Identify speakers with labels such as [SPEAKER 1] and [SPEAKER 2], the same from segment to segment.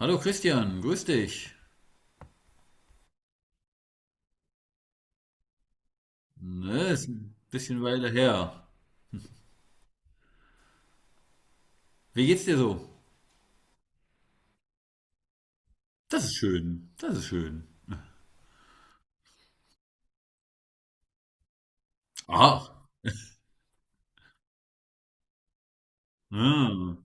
[SPEAKER 1] Hallo Christian, grüß dich. Ne, ist ein bisschen Weile her. Wie geht's dir so? Das ist schön, das ist schön. Ach, ja,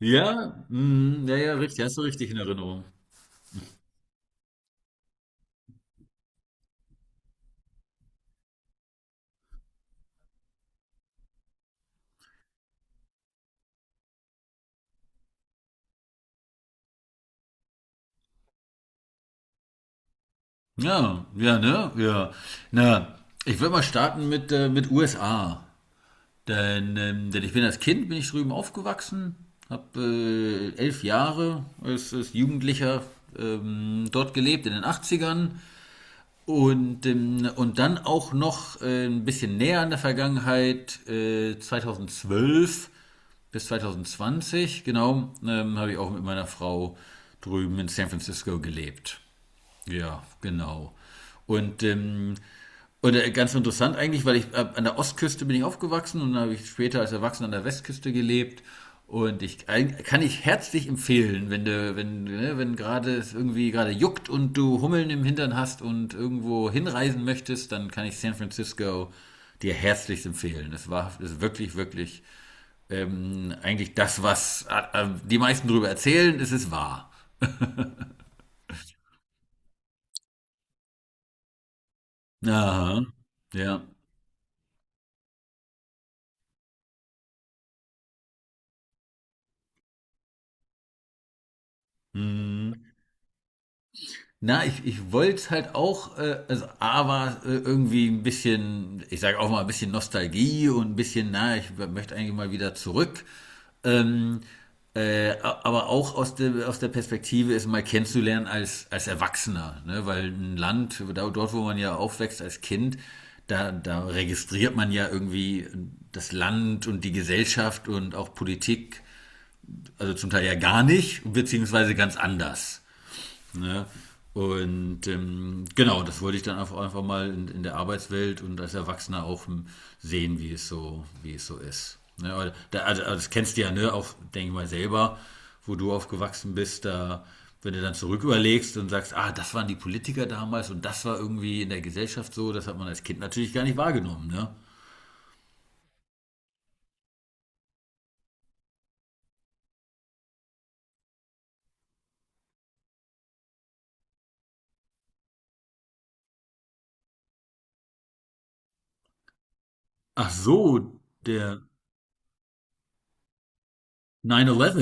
[SPEAKER 1] ja, mm, ja, ja, richtig, hast du richtig in Erinnerung. Ja, ja, ne, ja. Na, ich würde mal starten mit USA. Denn, denn ich bin als Kind, bin ich drüben aufgewachsen, habe 11 Jahre als, als Jugendlicher dort gelebt in den 80ern. Und dann auch noch ein bisschen näher an der Vergangenheit, 2012 bis 2020, genau, habe ich auch mit meiner Frau drüben in San Francisco gelebt. Ja, genau. Und, ähm, und ganz interessant eigentlich, weil ich an der Ostküste bin ich aufgewachsen und dann habe ich später als Erwachsener an der Westküste gelebt. Und ich kann ich herzlich empfehlen, wenn du, wenn, ne, wenn gerade es irgendwie gerade juckt und du Hummeln im Hintern hast und irgendwo hinreisen möchtest, dann kann ich San Francisco dir herzlich empfehlen. Es war es ist wirklich, wirklich eigentlich das, was die meisten drüber erzählen, es ist wahr. Aha. Ja. Mhm. Na, ich wollte es halt auch, also A war irgendwie ein bisschen, ich sage auch mal ein bisschen Nostalgie und ein bisschen, na, ich möchte eigentlich mal wieder zurück. Ähm, äh, aber auch aus der Perspektive, es mal kennenzulernen als, als Erwachsener, ne? Weil ein Land, dort wo man ja aufwächst als Kind, da, da registriert man ja irgendwie das Land und die Gesellschaft und auch Politik, also zum Teil ja gar nicht, beziehungsweise ganz anders. Ne? Und genau, das wollte ich dann einfach, einfach mal in der Arbeitswelt und als Erwachsener auch sehen, wie es so ist. Ne? Also das kennst du ja, ne, auch, denke ich mal, selber, wo du aufgewachsen bist, da, wenn du dann zurück überlegst und sagst, ah, das waren die Politiker damals und das war irgendwie in der Gesellschaft so, das hat man als Kind natürlich gar nicht wahrgenommen, ne? Ach so, der, 9-11.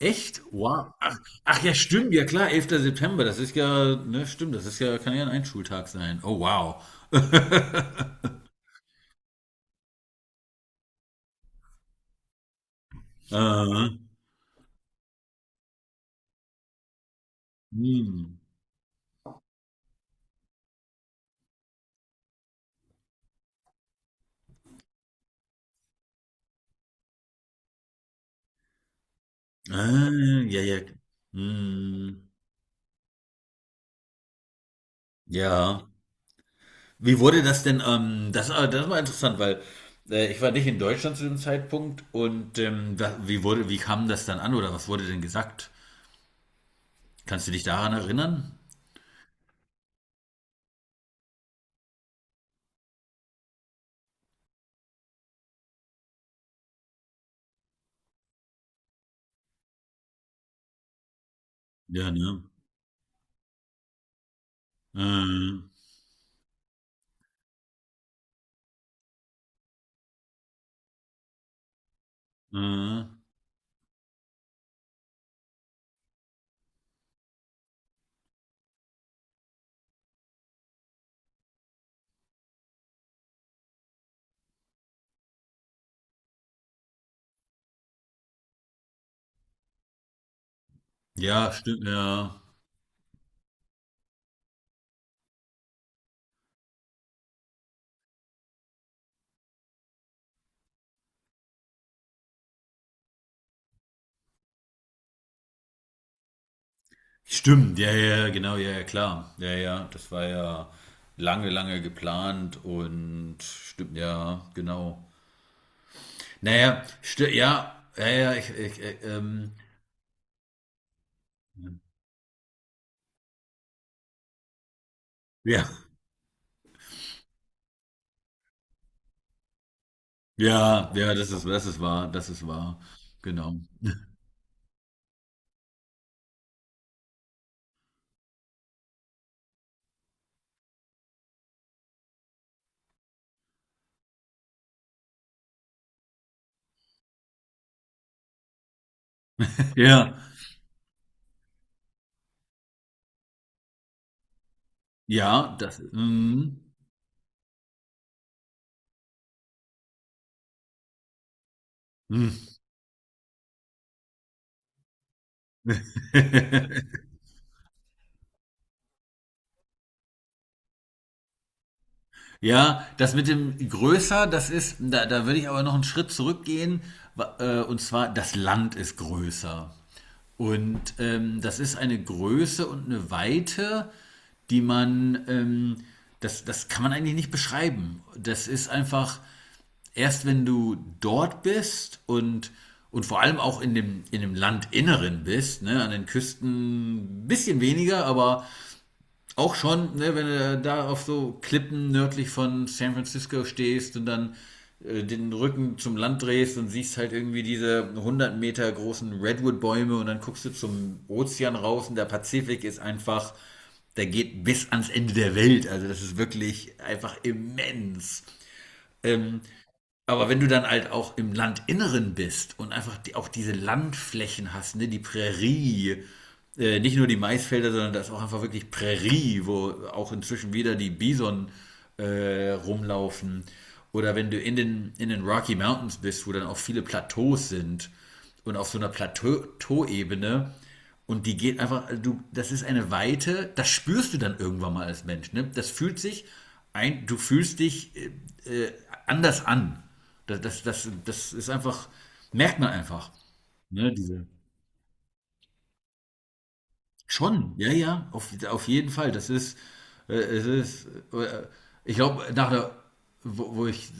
[SPEAKER 1] Echt? Wow. Ach, ach ja, stimmt, ja klar, Elfter September, das ist ja, ne, stimmt, das ist ja, kann ja ein Einschultag sein. Oh, wow. Aha. Hm. Ah, ja, ja. Hm. Ja. Wie wurde das denn, das, das war interessant, weil ich war nicht in Deutschland zu dem Zeitpunkt und da, wie wurde, wie kam das dann an oder was wurde denn gesagt? Kannst du dich daran erinnern? Ja, ne? Äh, äh, ja, stimmt, ja. Stimmt, ja, ja, ja, genau, ja, ja, klar. Ja, ja, das war ja lange, lange geplant und stimmt, ja, genau. Naja, ja, ja, ja, ja, ja, ja, das ist wahr, genau. Ja, ja, das, mm, mm. Ja, das mit dem größer, das ist, da, da würde ich aber noch einen Schritt zurückgehen, und zwar, das Land ist größer. Und das ist eine Größe und eine Weite, die man, das, das kann man eigentlich nicht beschreiben. Das ist einfach, erst wenn du dort bist und vor allem auch in dem Landinneren bist, ne, an den Küsten ein bisschen weniger, aber auch schon, ne, wenn du da auf so Klippen nördlich von San Francisco stehst und dann den Rücken zum Land drehst und siehst halt irgendwie diese 100 Meter großen Redwood-Bäume und dann guckst du zum Ozean raus und der Pazifik ist einfach, der geht bis ans Ende der Welt. Also das ist wirklich einfach immens. Aber wenn du dann halt auch im Landinneren bist und einfach die, auch diese Landflächen hast, ne, die Prärie, nicht nur die Maisfelder, sondern da ist auch einfach wirklich Prärie, wo auch inzwischen wieder die Bison rumlaufen. Oder wenn du in den Rocky Mountains bist, wo dann auch viele Plateaus sind und auf so einer Plateauebene. Und die geht einfach, also du, das ist eine Weite, das spürst du dann irgendwann mal als Mensch. Ne? Das fühlt sich ein, du fühlst dich äh, anders an. Das, das, das, das ist einfach, merkt man einfach. Ne? Diese. Schon, ja, ja, auf jeden Fall. Das ist, es ist, äh, ich glaube, nach der, wo, wo ich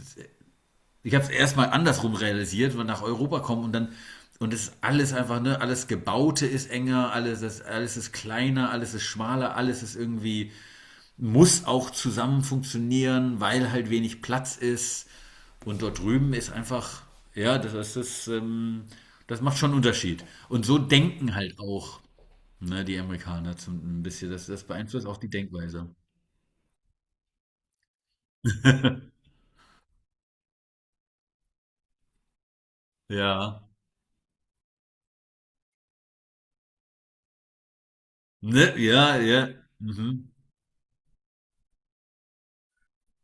[SPEAKER 1] ich habe es erstmal andersrum realisiert, wenn wir nach Europa kommen und dann und es ist alles einfach, ne, alles Gebaute ist enger, alles ist kleiner, alles ist schmaler, alles ist irgendwie, muss auch zusammen funktionieren, weil halt wenig Platz ist. Und dort drüben ist einfach, ja, das ist das, das macht schon einen Unterschied. Und so denken halt auch, ne, die Amerikaner zum, ein bisschen, das, das beeinflusst auch die Denkweise. Ja. Ne, ja, ja. Mhm.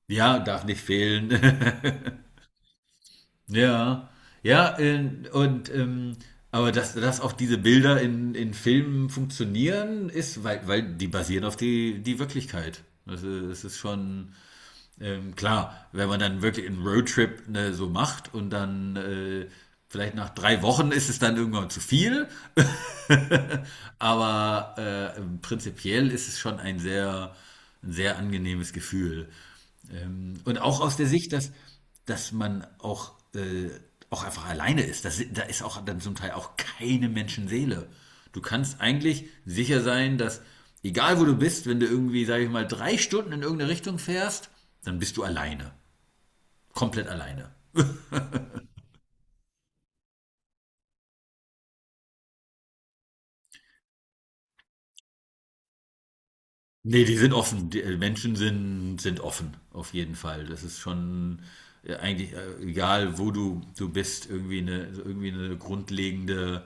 [SPEAKER 1] Ja, darf nicht fehlen. Ja, ja, und aber dass, dass auch diese Bilder in Filmen funktionieren, ist, weil, weil die basieren auf die, die Wirklichkeit. Also es ist schon klar, wenn man dann wirklich einen Roadtrip ne, so macht und dann vielleicht nach 3 Wochen ist es dann irgendwann zu viel, aber prinzipiell ist es schon ein sehr angenehmes Gefühl. Und auch aus der Sicht, dass, dass man auch, auch einfach alleine ist. Das, da ist auch dann zum Teil auch keine Menschenseele. Du kannst eigentlich sicher sein, dass egal wo du bist, wenn du irgendwie, sage ich mal, 3 Stunden in irgendeine Richtung fährst, dann bist du alleine. Komplett alleine. Ne, die sind offen. Die Menschen sind offen, auf jeden Fall. Das ist schon, eigentlich, egal wo du bist, irgendwie eine grundlegende: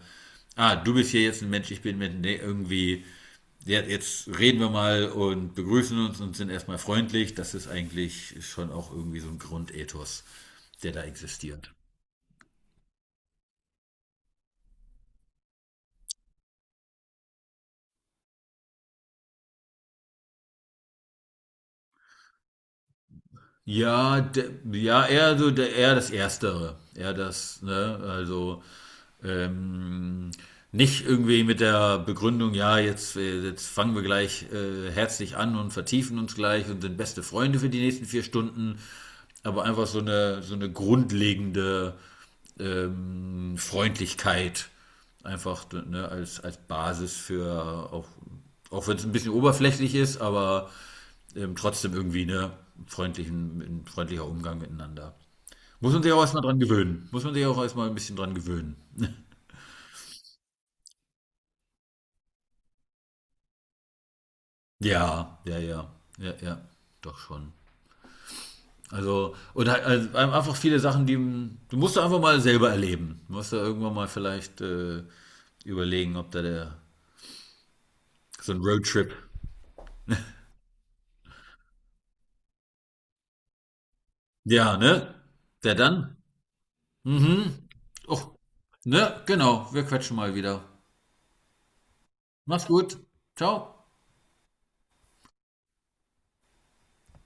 [SPEAKER 1] „Ah, du bist hier jetzt ein Mensch, ich bin 'n Mensch.“ Ne, irgendwie: „Ja, jetzt reden wir mal und begrüßen uns und sind erstmal freundlich.“ Das ist eigentlich schon auch irgendwie so ein Grundethos, der da existiert. Ja, de, ja, eher so der, eher das Erstere. Eher das, ne? Also ähm, nicht irgendwie mit der Begründung, ja, jetzt, jetzt fangen wir gleich herzlich an und vertiefen uns gleich und sind beste Freunde für die nächsten 4 Stunden, aber einfach so eine grundlegende Freundlichkeit einfach ne, als, als Basis für, auch, auch wenn es ein bisschen oberflächlich ist, aber trotzdem irgendwie ne, freundlichen, ein freundlicher Umgang miteinander. Muss man sich auch erstmal dran gewöhnen. Muss man sich auch erstmal ein bisschen dran gewöhnen. Ja, ja, ja. Ja, ja. Doch schon. Also, und halt, also einfach viele Sachen, die du musst da einfach mal selber erleben. Du musst da irgendwann mal vielleicht überlegen, ob da der so ein Roadtrip. Ja, ne? Der dann? Mhm. Och, ne? Genau. Wir quatschen mal wieder. Mach's gut. Ciao.